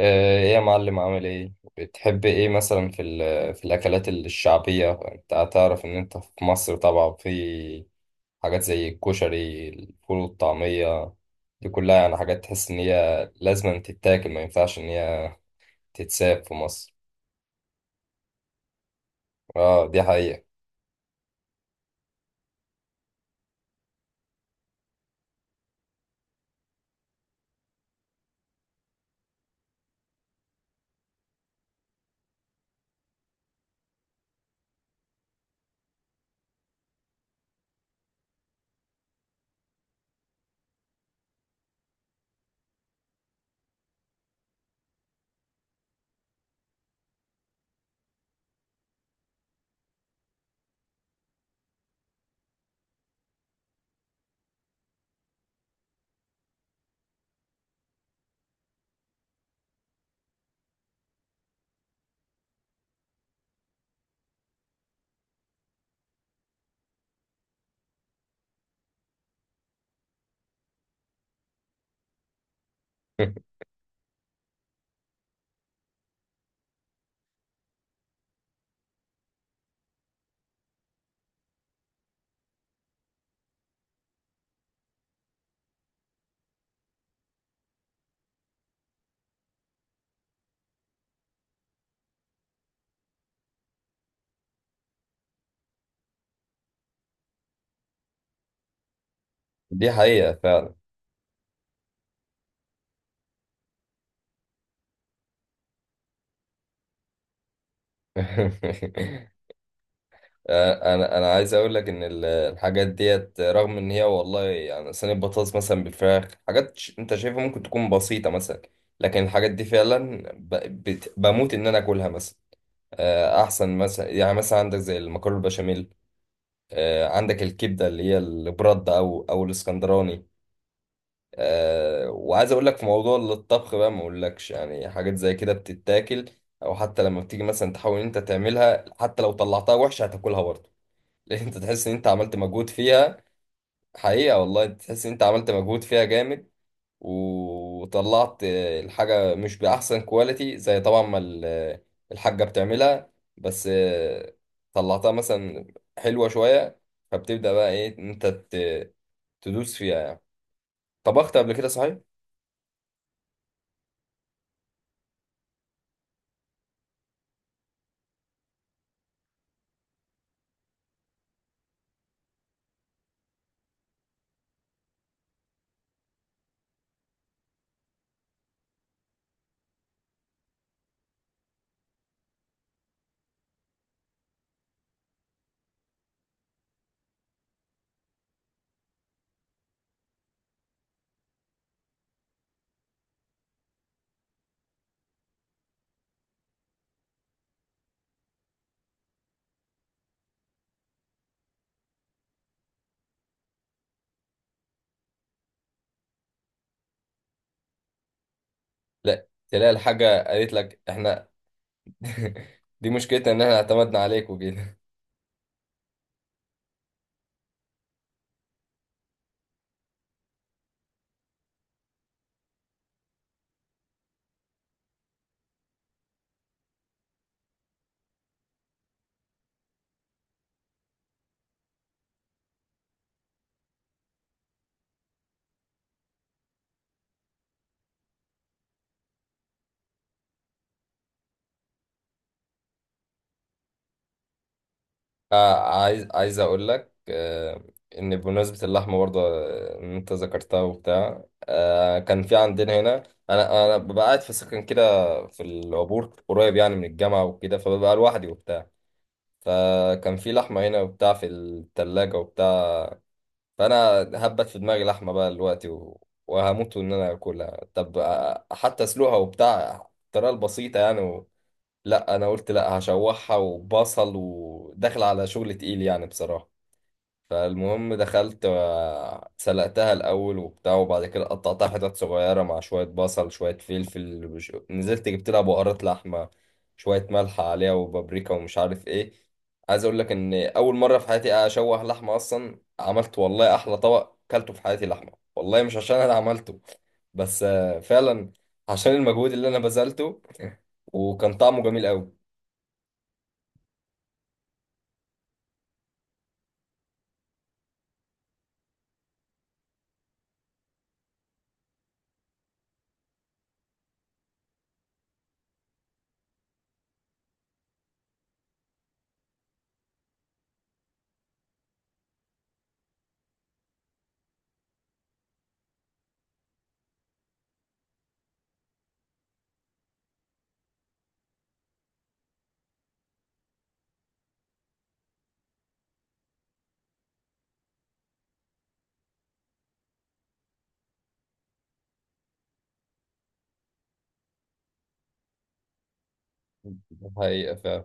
ايه يا معلم، عامل ايه؟ بتحب ايه مثلا في الاكلات الشعبيه؟ انت هتعرف ان انت في مصر طبعا، في حاجات زي الكشري، الفول والطعميه. دي كلها يعني حاجات تحس ان هي لازم أن تتاكل، ما ينفعش ان هي تتساب في مصر. اه دي حقيقه. دي حقيقه فعلا. انا عايز اقول لك ان الحاجات ديت، رغم ان هي والله يعني صينيه بطاطس مثلا بالفراخ، حاجات انت شايفها ممكن تكون بسيطه مثلا، لكن الحاجات دي فعلا بموت ان انا اكلها مثلا. احسن مثلا، يعني مثلا عندك زي المكرونه البشاميل، عندك الكبده اللي هي البرد او او الاسكندراني. وعايز اقول لك في موضوع الطبخ بقى، ما اقولكش يعني حاجات زي كده بتتاكل، او حتى لما بتيجي مثلا تحاول إن انت تعملها، حتى لو طلعتها وحشه هتاكلها برضه، لان انت تحس ان انت عملت مجهود فيها. حقيقة والله تحس ان انت عملت مجهود فيها جامد، وطلعت الحاجة مش بأحسن كواليتي زي طبعا ما الحاجة بتعملها، بس طلعتها مثلا حلوة شوية، فبتبدأ بقى ايه ان انت تدوس فيها يعني. طبخت قبل كده صحيح؟ لا تلاقي الحاجة قالت لك احنا. دي مشكلتنا ان احنا اعتمدنا عليك وكده. آه عايز اقول لك ان بمناسبه اللحمه برضه، ان انت ذكرتها وبتاع، آه كان في عندنا هنا. انا ببقى قاعد في سكن كده في العبور، قريب يعني من الجامعه وكده، فببقى لوحدي وبتاع. فكان في لحمه هنا وبتاع في الثلاجه وبتاع، فانا هبت في دماغي لحمه بقى دلوقتي وهموت ان انا اكلها. طب آه حتى اسلقها وبتاع الطريقه البسيطه يعني لا انا قلت لا، هشوحها وبصل، وداخل على شغل تقيل يعني بصراحه. فالمهم دخلت، سلقتها الأول وبتاع، وبعد كده قطعتها حتت صغيرة مع شوية بصل شوية فلفل وش- نزلت جبت لها بهارات لحمة، شوية ملح عليها وبابريكا ومش عارف ايه. عايز اقول لك ان اول مرة في حياتي اشوح لحمة اصلا، عملت والله احلى طبق كلته في حياتي لحمة، والله مش عشان انا عملته بس فعلا عشان المجهود اللي انا بذلته، وكان طعمه جميل قوي. حقيقة فعلا.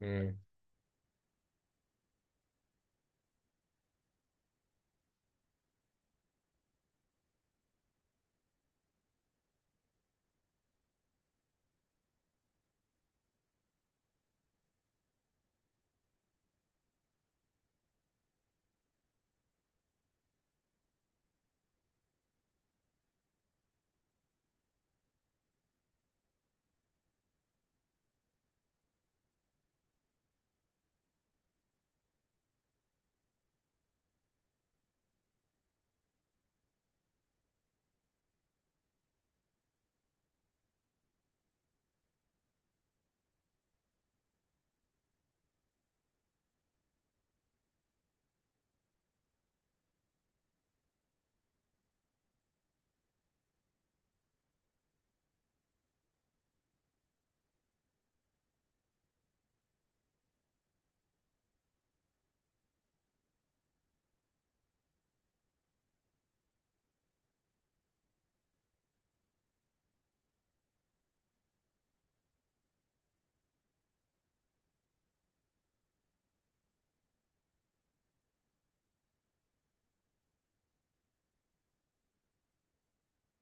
مم.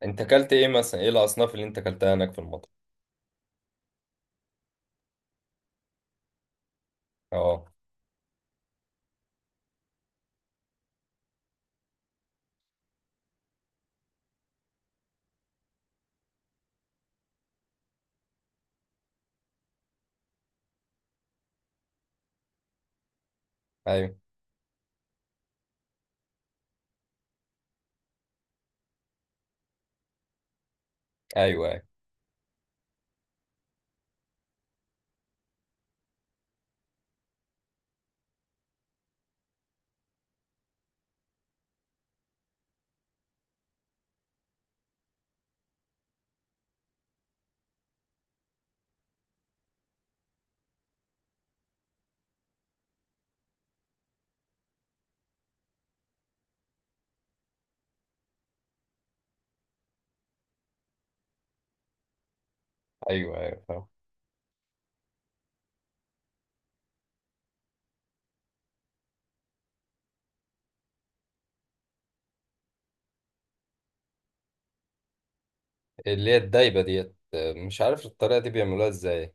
انت اكلت ايه مثلا؟ ايه الاصناف اللي انت اكلتها هناك في المطعم؟ اه. ايوه ايوه ايوه. ايوه ايوه فاهم. اللي هي الدايبه ديت، مش عارف الطريقه دي بيعملوها ازاي.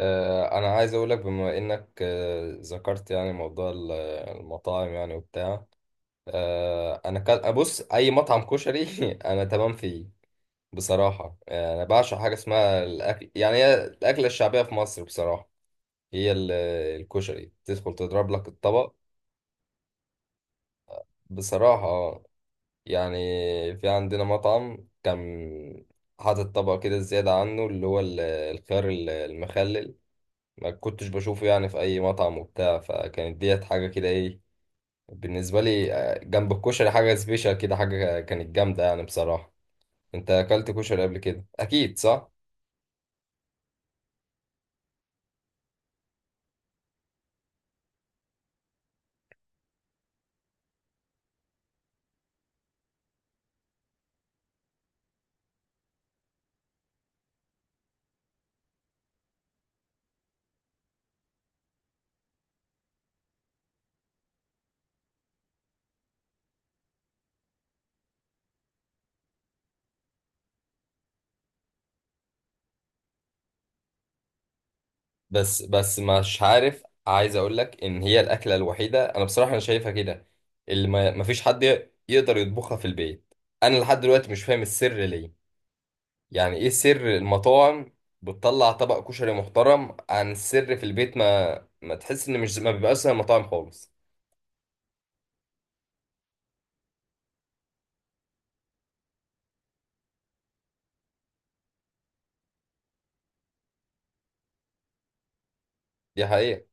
انا عايز اقول لك بما انك ذكرت يعني موضوع المطاعم يعني وبتاع، انا كان ابص اي مطعم كشري انا تمام فيه. بصراحه انا بعشق حاجه اسمها الاكل، يعني هي الاكله الشعبيه في مصر بصراحه. هي الكشري تدخل تضرب لك الطبق بصراحه يعني. في عندنا مطعم كان حاطط طبق كده زيادة عنه اللي هو الخيار المخلل، ما كنتش بشوفه يعني في أي مطعم وبتاع، فكانت ديت حاجة كده إيه بالنسبة لي. جنب الكشري حاجة سبيشال كده، حاجة كانت جامدة يعني بصراحة. أنت أكلت كشري قبل كده أكيد صح؟ بس مش عارف، عايز أقول لك إن هي الأكلة الوحيدة أنا بصراحة أنا شايفها كده، اللي ما فيش حد يقدر يطبخها في البيت. أنا لحد دلوقتي مش فاهم السر ليه. يعني ايه سر المطاعم بتطلع طبق كشري محترم؟ عن السر في البيت ما تحس ان مش ما بيبقاش زي المطاعم خالص. دي حقيقة.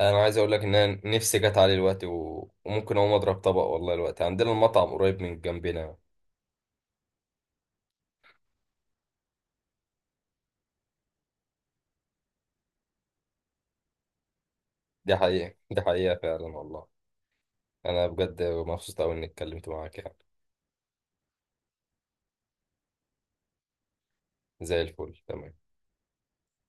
انا عايز اقول لك ان انا نفسي جت علي الوقت وممكن اقوم اضرب طبق والله الوقت، عندنا المطعم قريب من جنبنا. دي حقيقة، دي حقيقة فعلا والله. انا بجد مبسوط قوي اني اتكلمت معاك يعني. زي الفل، تمام.